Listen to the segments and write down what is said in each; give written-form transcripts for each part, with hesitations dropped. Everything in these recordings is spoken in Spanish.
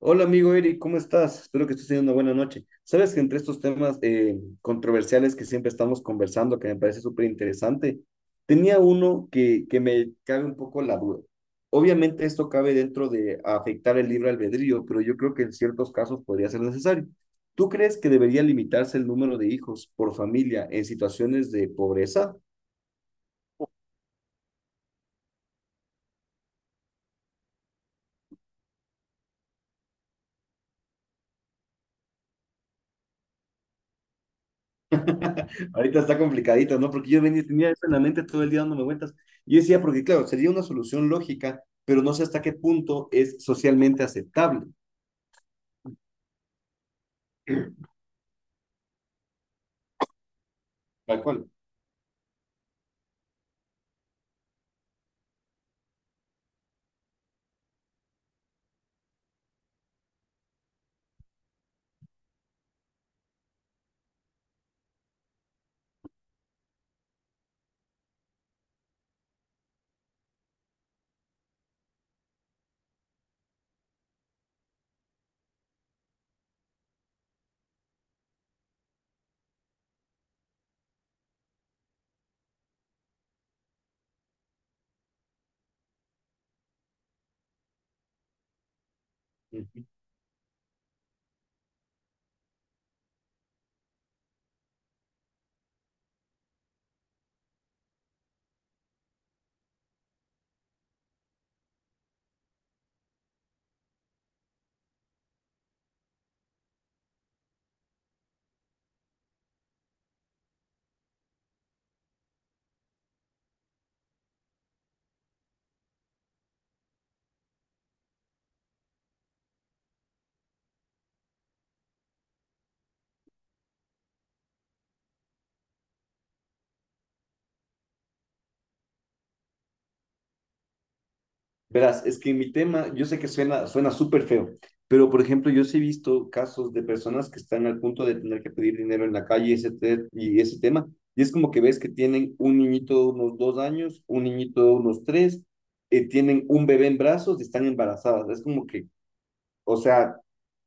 Hola amigo Eric, ¿cómo estás? Espero que estés teniendo una buena noche. Sabes que entre estos temas controversiales que siempre estamos conversando, que me parece súper interesante, tenía uno que me cabe un poco la duda. Obviamente esto cabe dentro de afectar el libre albedrío, pero yo creo que en ciertos casos podría ser necesario. ¿Tú crees que debería limitarse el número de hijos por familia en situaciones de pobreza? Ahorita está complicadito, ¿no? Porque yo venía, tenía eso en la mente todo el día dándome vueltas. Yo decía, porque claro, sería una solución lógica, pero no sé hasta qué punto es socialmente aceptable. Tal cual. Ujú. Verás, es que mi tema, yo sé que suena súper feo, pero por ejemplo, yo sí he visto casos de personas que están al punto de tener que pedir dinero en la calle y ese, y ese tema. Y es como que ves que tienen un niñito de unos 2 años, un niñito de unos tres, tienen un bebé en brazos y están embarazadas. Es como que, o sea,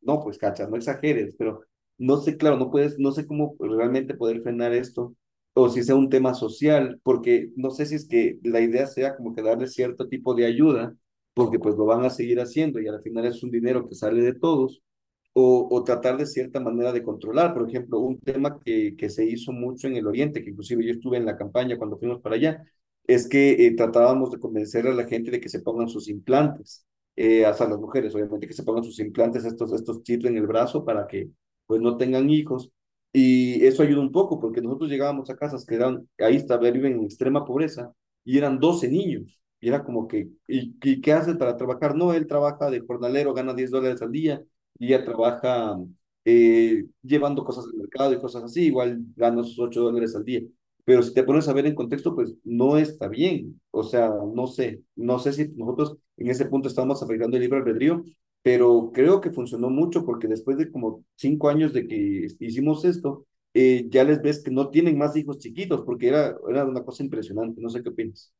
no, pues cacha, no exageres, pero no sé, claro, no puedes, no sé cómo realmente poder frenar esto, o si sea un tema social, porque no sé si es que la idea sea como que darle cierto tipo de ayuda, porque pues lo van a seguir haciendo y al final es un dinero que sale de todos, o tratar de cierta manera de controlar, por ejemplo, un tema que se hizo mucho en el Oriente, que inclusive yo estuve en la campaña cuando fuimos para allá, es que tratábamos de convencer a la gente de que se pongan sus implantes hasta las mujeres, obviamente, que se pongan sus implantes, estos chips en el brazo para que pues no tengan hijos. Y eso ayuda un poco, porque nosotros llegábamos a casas que eran, ahí está, viven en extrema pobreza, y eran 12 niños. Y era como que, ¿y qué hace para trabajar? No, él trabaja de jornalero, gana $10 al día, y ella trabaja llevando cosas al mercado y cosas así, igual gana sus $8 al día. Pero si te pones a ver en contexto, pues no está bien. O sea, no sé, no sé si nosotros en ese punto estamos afectando el libre albedrío, pero creo que funcionó mucho porque después de como 5 años de que hicimos esto, ya les ves que no tienen más hijos chiquitos porque era, era una cosa impresionante. No sé qué opinas.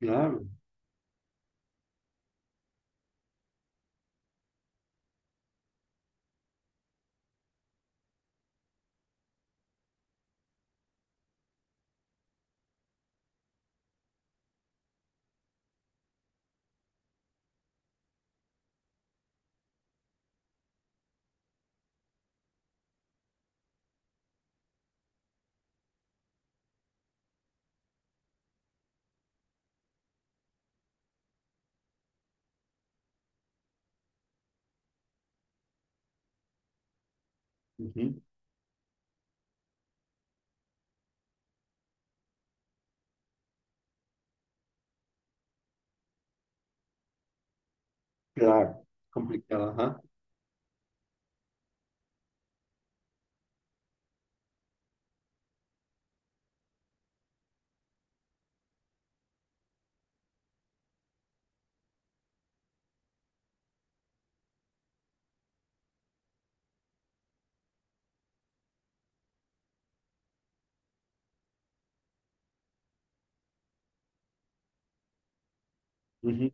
Claro, ujú, claro, complicado, ajá. Ujú.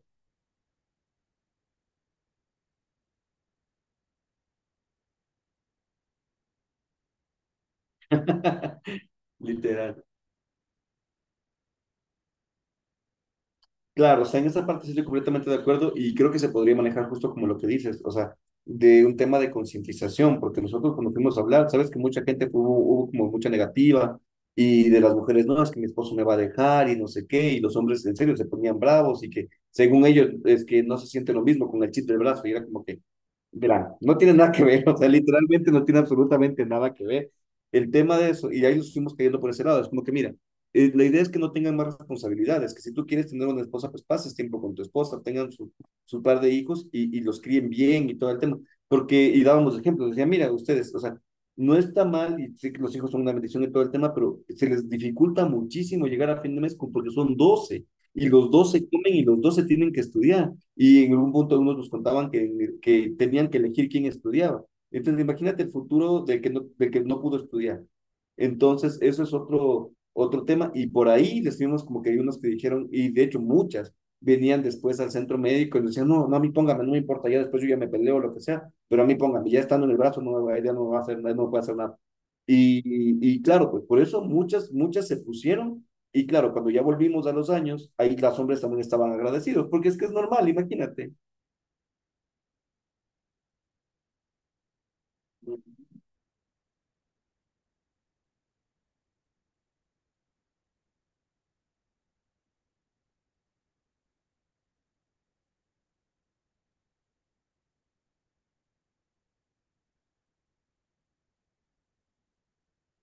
Literal. Claro, o sea, en esa parte sí estoy completamente de acuerdo y creo que se podría manejar justo como lo que dices, o sea, de un tema de concientización, porque nosotros cuando fuimos a hablar, sabes que mucha gente hubo como mucha negativa y de las mujeres, no, es que mi esposo me va a dejar y no sé qué, y los hombres en serio se ponían bravos y que según ellos es que no se siente lo mismo con el chip del brazo y era como que mira, no tiene nada que ver, o sea, literalmente no tiene absolutamente nada que ver el tema de eso, y ahí nos fuimos cayendo por ese lado, es como que mira, la idea es que no tengan más responsabilidades, que si tú quieres tener una esposa, pues pases tiempo con tu esposa, tengan su, su par de hijos y los críen bien y todo el tema, porque, y dábamos ejemplos, decía, mira, ustedes, o sea, no está mal, y sé que los hijos son una bendición y todo el tema, pero se les dificulta muchísimo llegar a fin de mes con- porque son 12 y los 12 comen y los 12 tienen que estudiar y en algún punto unos nos contaban que tenían que elegir quién estudiaba. Entonces, imagínate el futuro del que no pudo estudiar. Entonces, eso es otro tema y por ahí decidimos como que hay unos que dijeron, y de hecho muchas, venían después al centro médico y decían, no, no, a mí póngame, no me importa, ya después yo ya me peleo o lo que sea, pero a mí póngame, ya estando en el brazo no, ya no va a hacer, no puede hacer nada. Claro, pues por eso muchas, muchas se pusieron y claro, cuando ya volvimos a los años, ahí las hombres también estaban agradecidos, porque es que es normal, imagínate.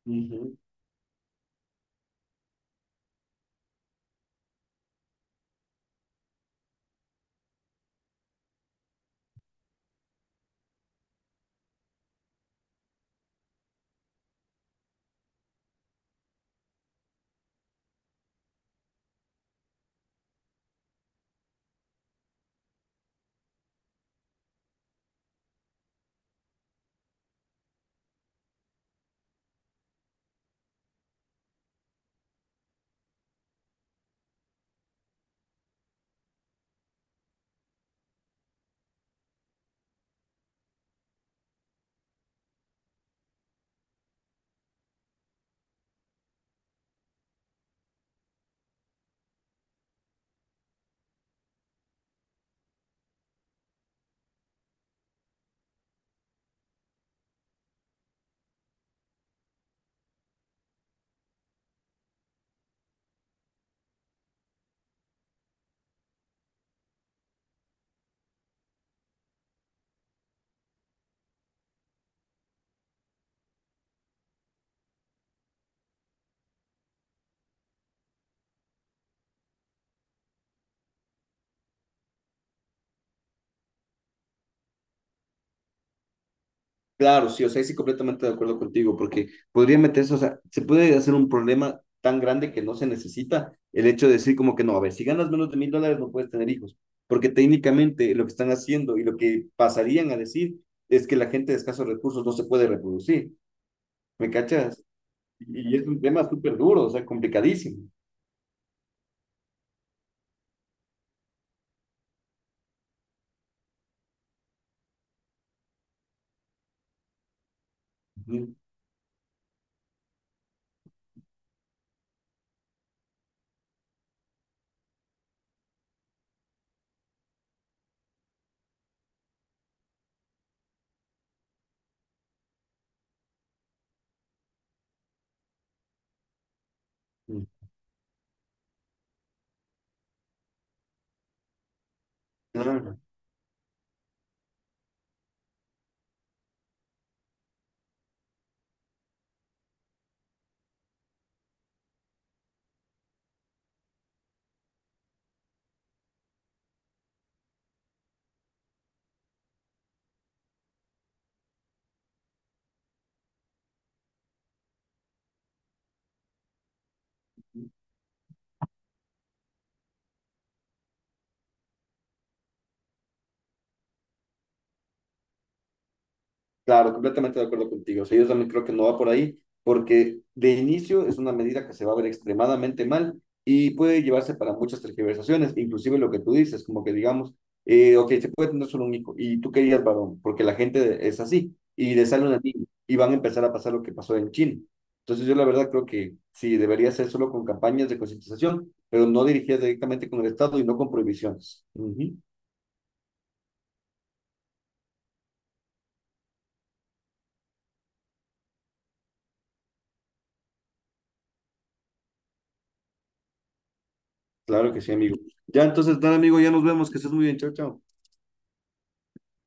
Ujú. Claro, sí, o sea, ahí sí completamente de acuerdo contigo, porque podría meterse, o sea, se puede hacer un problema tan grande que no se necesita el hecho de decir como que no, a ver, si ganas menos de $1,000 no puedes tener hijos, porque técnicamente lo que están haciendo y lo que pasarían a decir es que la gente de escasos recursos no se puede reproducir, ¿me cachas? Y es un tema súper duro, o sea, complicadísimo. Ujú. Claro. Claro, completamente de acuerdo contigo. O sea, yo también creo que no va por ahí, porque de inicio es una medida que se va a ver extremadamente mal y puede llevarse para muchas tergiversaciones, inclusive lo que tú dices, como que digamos, ok, se puede tener solo un hijo y tú querías varón, porque la gente es así y le sale una niña y van a empezar a pasar lo que pasó en China. Entonces yo la verdad creo que sí, debería ser solo con campañas de concientización, pero no dirigidas directamente con el Estado y no con prohibiciones. Ujú. Claro que sí, amigo. Ya entonces, nada, amigo, ya nos vemos, que estés muy bien, chao, chao.